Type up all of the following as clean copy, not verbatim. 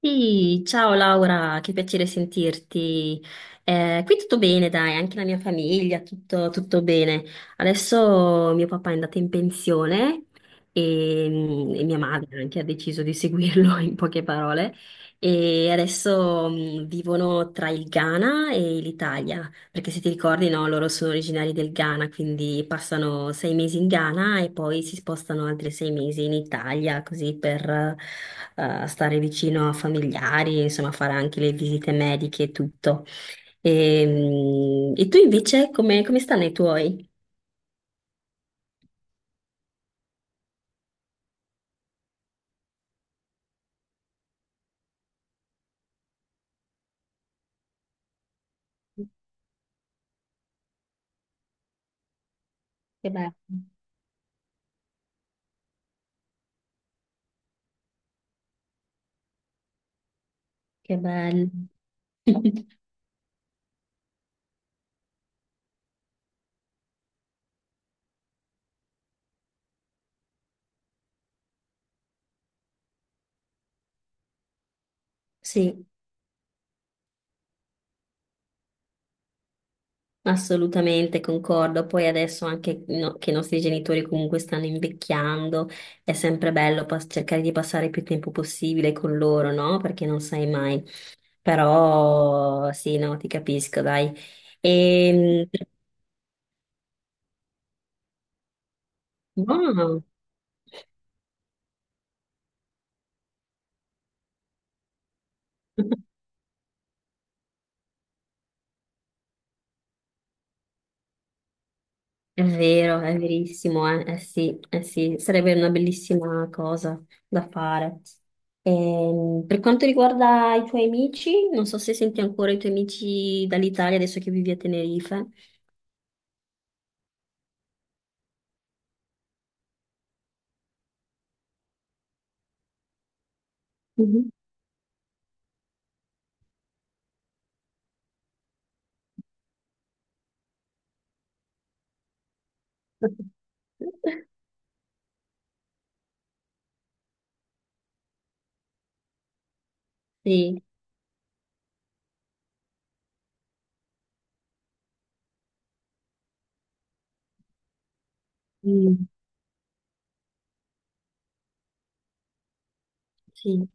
Sì, ciao Laura, che piacere sentirti. Qui tutto bene, dai, anche la mia famiglia, tutto, tutto bene. Adesso mio papà è andato in pensione e mia madre anche ha deciso di seguirlo in poche parole. E adesso vivono tra il Ghana e l'Italia. Perché se ti ricordi, no, loro sono originari del Ghana, quindi passano 6 mesi in Ghana e poi si spostano altri 6 mesi in Italia, così per stare vicino a familiari, insomma, fare anche le visite mediche e tutto. E tu invece, come stanno i tuoi? Che bello, che bello. Sì. Assolutamente concordo, poi adesso anche che i nostri genitori comunque stanno invecchiando, è sempre bello cercare di passare più tempo possibile con loro, no? Perché non sai mai. Però sì, no, ti capisco, dai. E, no, è vero, è verissimo, eh sì, sarebbe una bellissima cosa da fare. Per quanto riguarda i tuoi amici, non so se senti ancora i tuoi amici dall'Italia adesso che vivi a Tenerife. Mhm. Sì. Mm. Sì.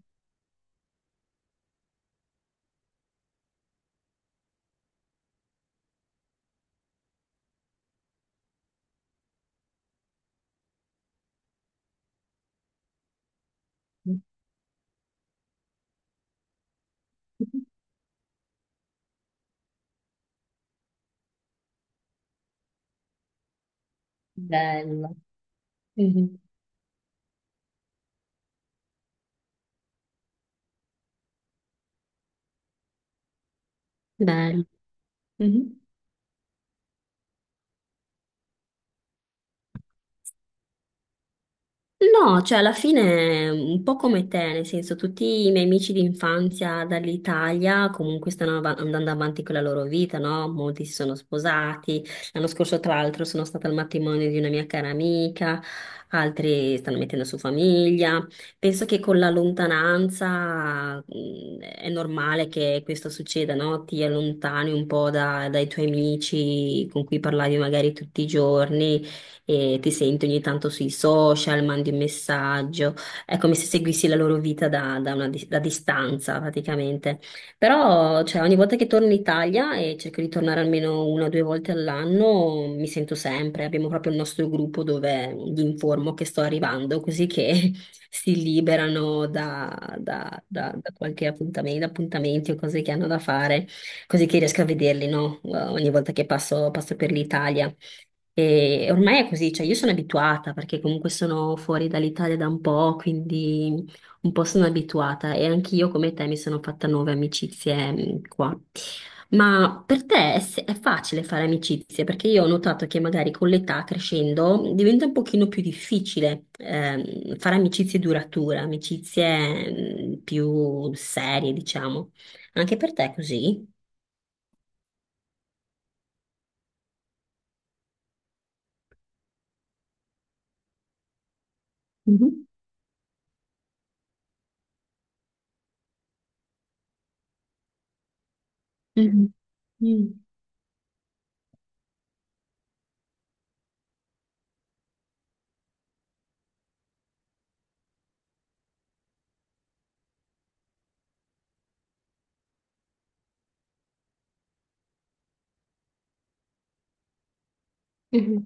Bello. Mhm. Bello. Mhm. No, cioè alla fine un po' come te, nel senso tutti i miei amici d'infanzia dall'Italia comunque stanno andando avanti con la loro vita, no? Molti si sono sposati, l'anno scorso tra l'altro sono stata al matrimonio di una mia cara amica, altri stanno mettendo su famiglia. Penso che con la lontananza è normale che questo succeda, no? Ti allontani un po' dai tuoi amici con cui parlavi magari tutti i giorni e ti senti ogni tanto sui social, mandi un messaggio, è come se seguissi la loro vita da, da una dis- da distanza praticamente. Però cioè, ogni volta che torno in Italia e cerco di tornare almeno una o due volte all'anno, mi sento sempre, abbiamo proprio il nostro gruppo dove gli informo che sto arrivando, così che si liberano da qualche appuntamento, appuntamenti o cose che hanno da fare, così che riesco a vederli, no? Ogni volta che passo per l'Italia. E ormai è così, cioè io sono abituata perché comunque sono fuori dall'Italia da un po', quindi un po' sono abituata e anch'io come te mi sono fatta nuove amicizie qua. Ma per te è, se- è facile fare amicizie? Perché io ho notato che magari con l'età crescendo diventa un pochino più difficile fare amicizie durature, amicizie più serie, diciamo. Anche per te è così? Mhm, mhm. Mm. Mhm,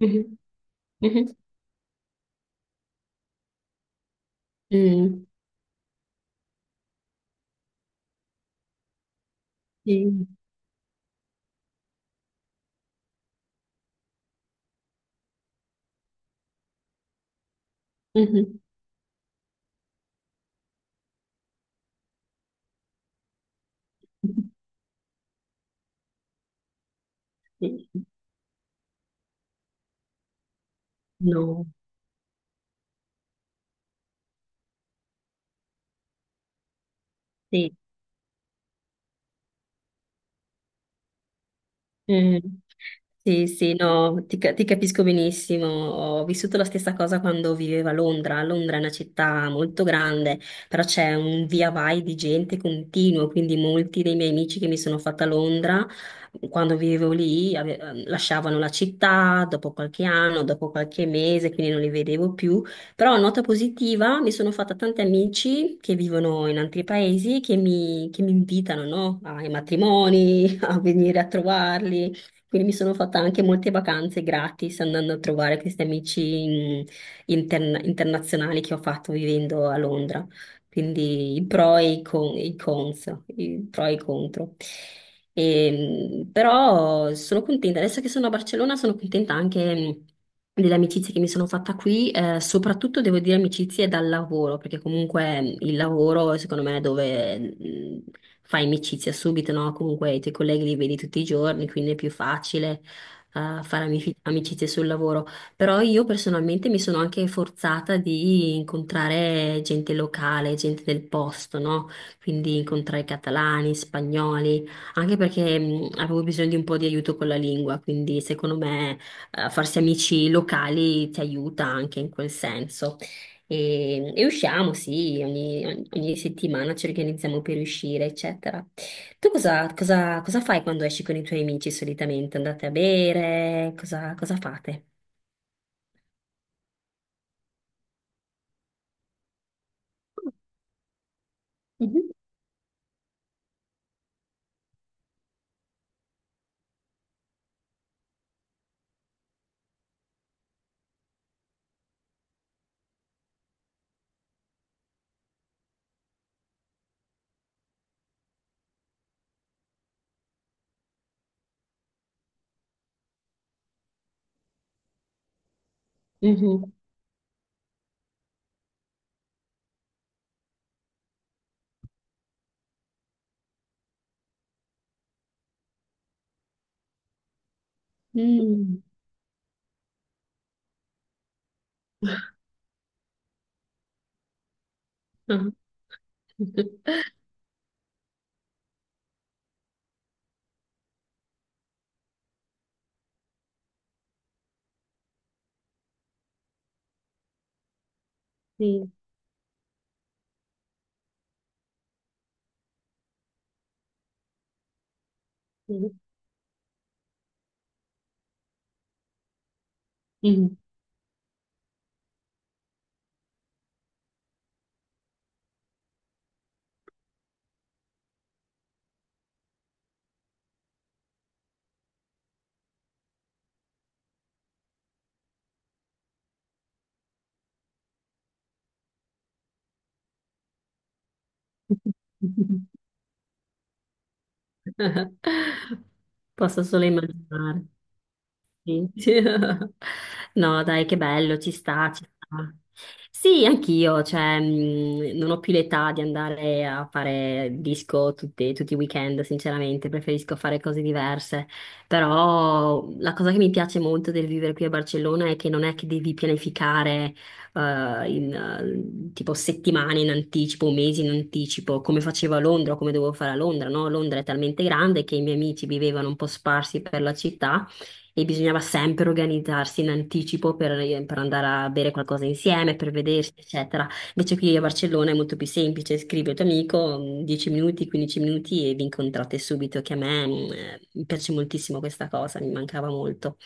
mhm, mhm. Mm, sì. Mhm. Sì. No, sì. Mm. Sì, sì, no, ti capisco benissimo. Ho vissuto la stessa cosa quando vivevo a Londra. Londra è una città molto grande, però c'è un via vai di gente continuo, quindi molti dei miei amici che mi sono fatta a Londra, quando vivevo lì, lasciavano la città dopo qualche anno, dopo qualche mese, quindi non li vedevo più. Però, nota positiva, mi sono fatta tanti amici che vivono in altri paesi che mi invitano, no? Ai matrimoni. A venire a trovarli. Quindi mi sono fatta anche molte vacanze gratis andando a trovare questi amici internazionali che ho fatto vivendo a Londra. Quindi i pro e i cons, i pro e i contro. E, però sono contenta, adesso che sono a Barcellona sono contenta anche delle amicizie che mi sono fatta qui, soprattutto devo dire amicizie dal lavoro, perché comunque il lavoro secondo me è dove fai amicizia subito, no? Comunque i tuoi colleghi li vedi tutti i giorni, quindi è più facile fare amicizie sul lavoro. Però io personalmente mi sono anche forzata di incontrare gente locale, gente del posto, no? Quindi incontrare catalani, spagnoli. Anche perché avevo bisogno di un po' di aiuto con la lingua, quindi secondo me farsi amici locali ti aiuta anche in quel senso. E usciamo, sì, ogni settimana ci organizziamo per uscire, eccetera. Tu cosa fai quando esci con i tuoi amici solitamente? Andate a bere? Cosa fate? Mhm. Mhm. Mm. Sì, sì. Mm. Posso solo immaginare. Sì. No, dai, che bello, ci sta, ci sta. Sì, anch'io, cioè, non ho più l'età di andare a fare disco tutti i weekend, sinceramente, preferisco fare cose diverse. Però la cosa che mi piace molto del vivere qui a Barcellona è che non è che devi pianificare in tipo settimane in anticipo, mesi in anticipo, come facevo a Londra, o come dovevo fare a Londra, no? Londra è talmente grande che i miei amici vivevano un po' sparsi per la città e bisognava sempre organizzarsi in anticipo per andare a bere qualcosa insieme, per vedersi, eccetera. Invece qui a Barcellona è molto più semplice, scrivi al tuo amico 10 minuti, 15 minuti e vi incontrate subito, che a me mi piace moltissimo questa cosa, mi mancava molto.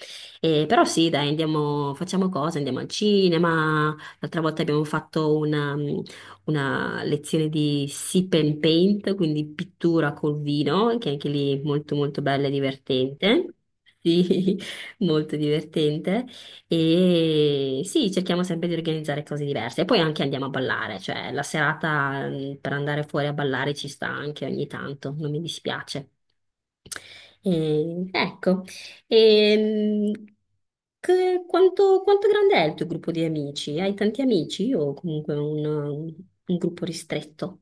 Però sì, dai, andiamo, facciamo cose, andiamo al cinema. L'altra volta abbiamo fatto una lezione di sip and paint, quindi pittura col vino, che anche lì è molto molto bella e divertente. Sì. Molto divertente e sì, cerchiamo sempre di organizzare cose diverse e poi anche andiamo a ballare, cioè la serata per andare fuori a ballare ci sta anche ogni tanto, non mi dispiace. E, ecco, e, mh, quanto grande è il tuo gruppo di amici? Hai tanti amici o comunque un gruppo ristretto?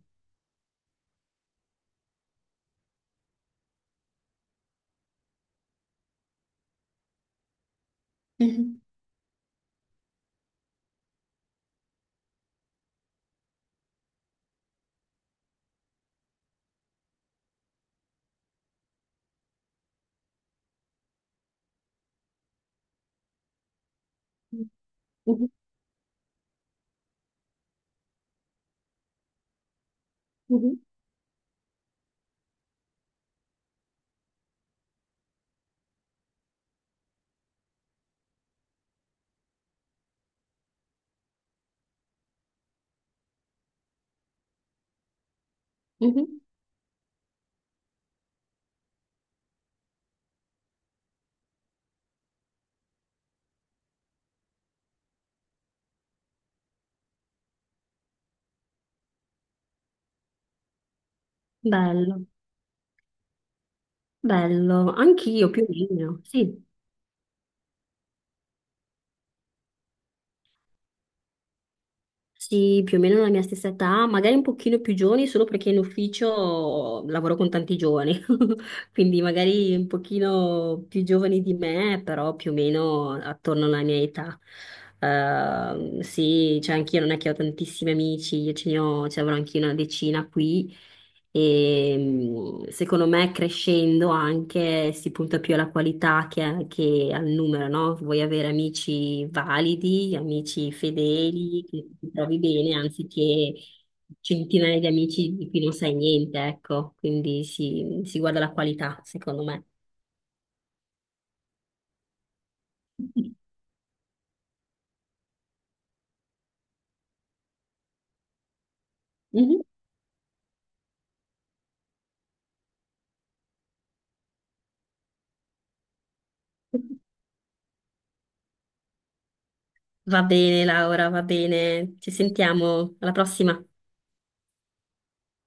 Mhm. Mhm. Mhm. Mhm. Bello, bello, anch'io più o meno, sì. Sì, più o meno la mia stessa età, magari un pochino più giovani, solo perché in ufficio lavoro con tanti giovani, quindi magari un pochino più giovani di me, però più o meno attorno alla mia età. Sì, cioè anch'io non è che ho tantissimi amici, io ce ne ho, ce ne avrò anch'io una decina qui, e secondo me crescendo anche si punta più alla qualità che al numero, no? Vuoi avere amici validi, amici fedeli, che ti trovi bene, anziché centinaia di amici di cui non sai niente, ecco. Quindi si guarda la qualità, secondo me. Mhm. Va bene, Laura, va bene. Ci sentiamo alla prossima.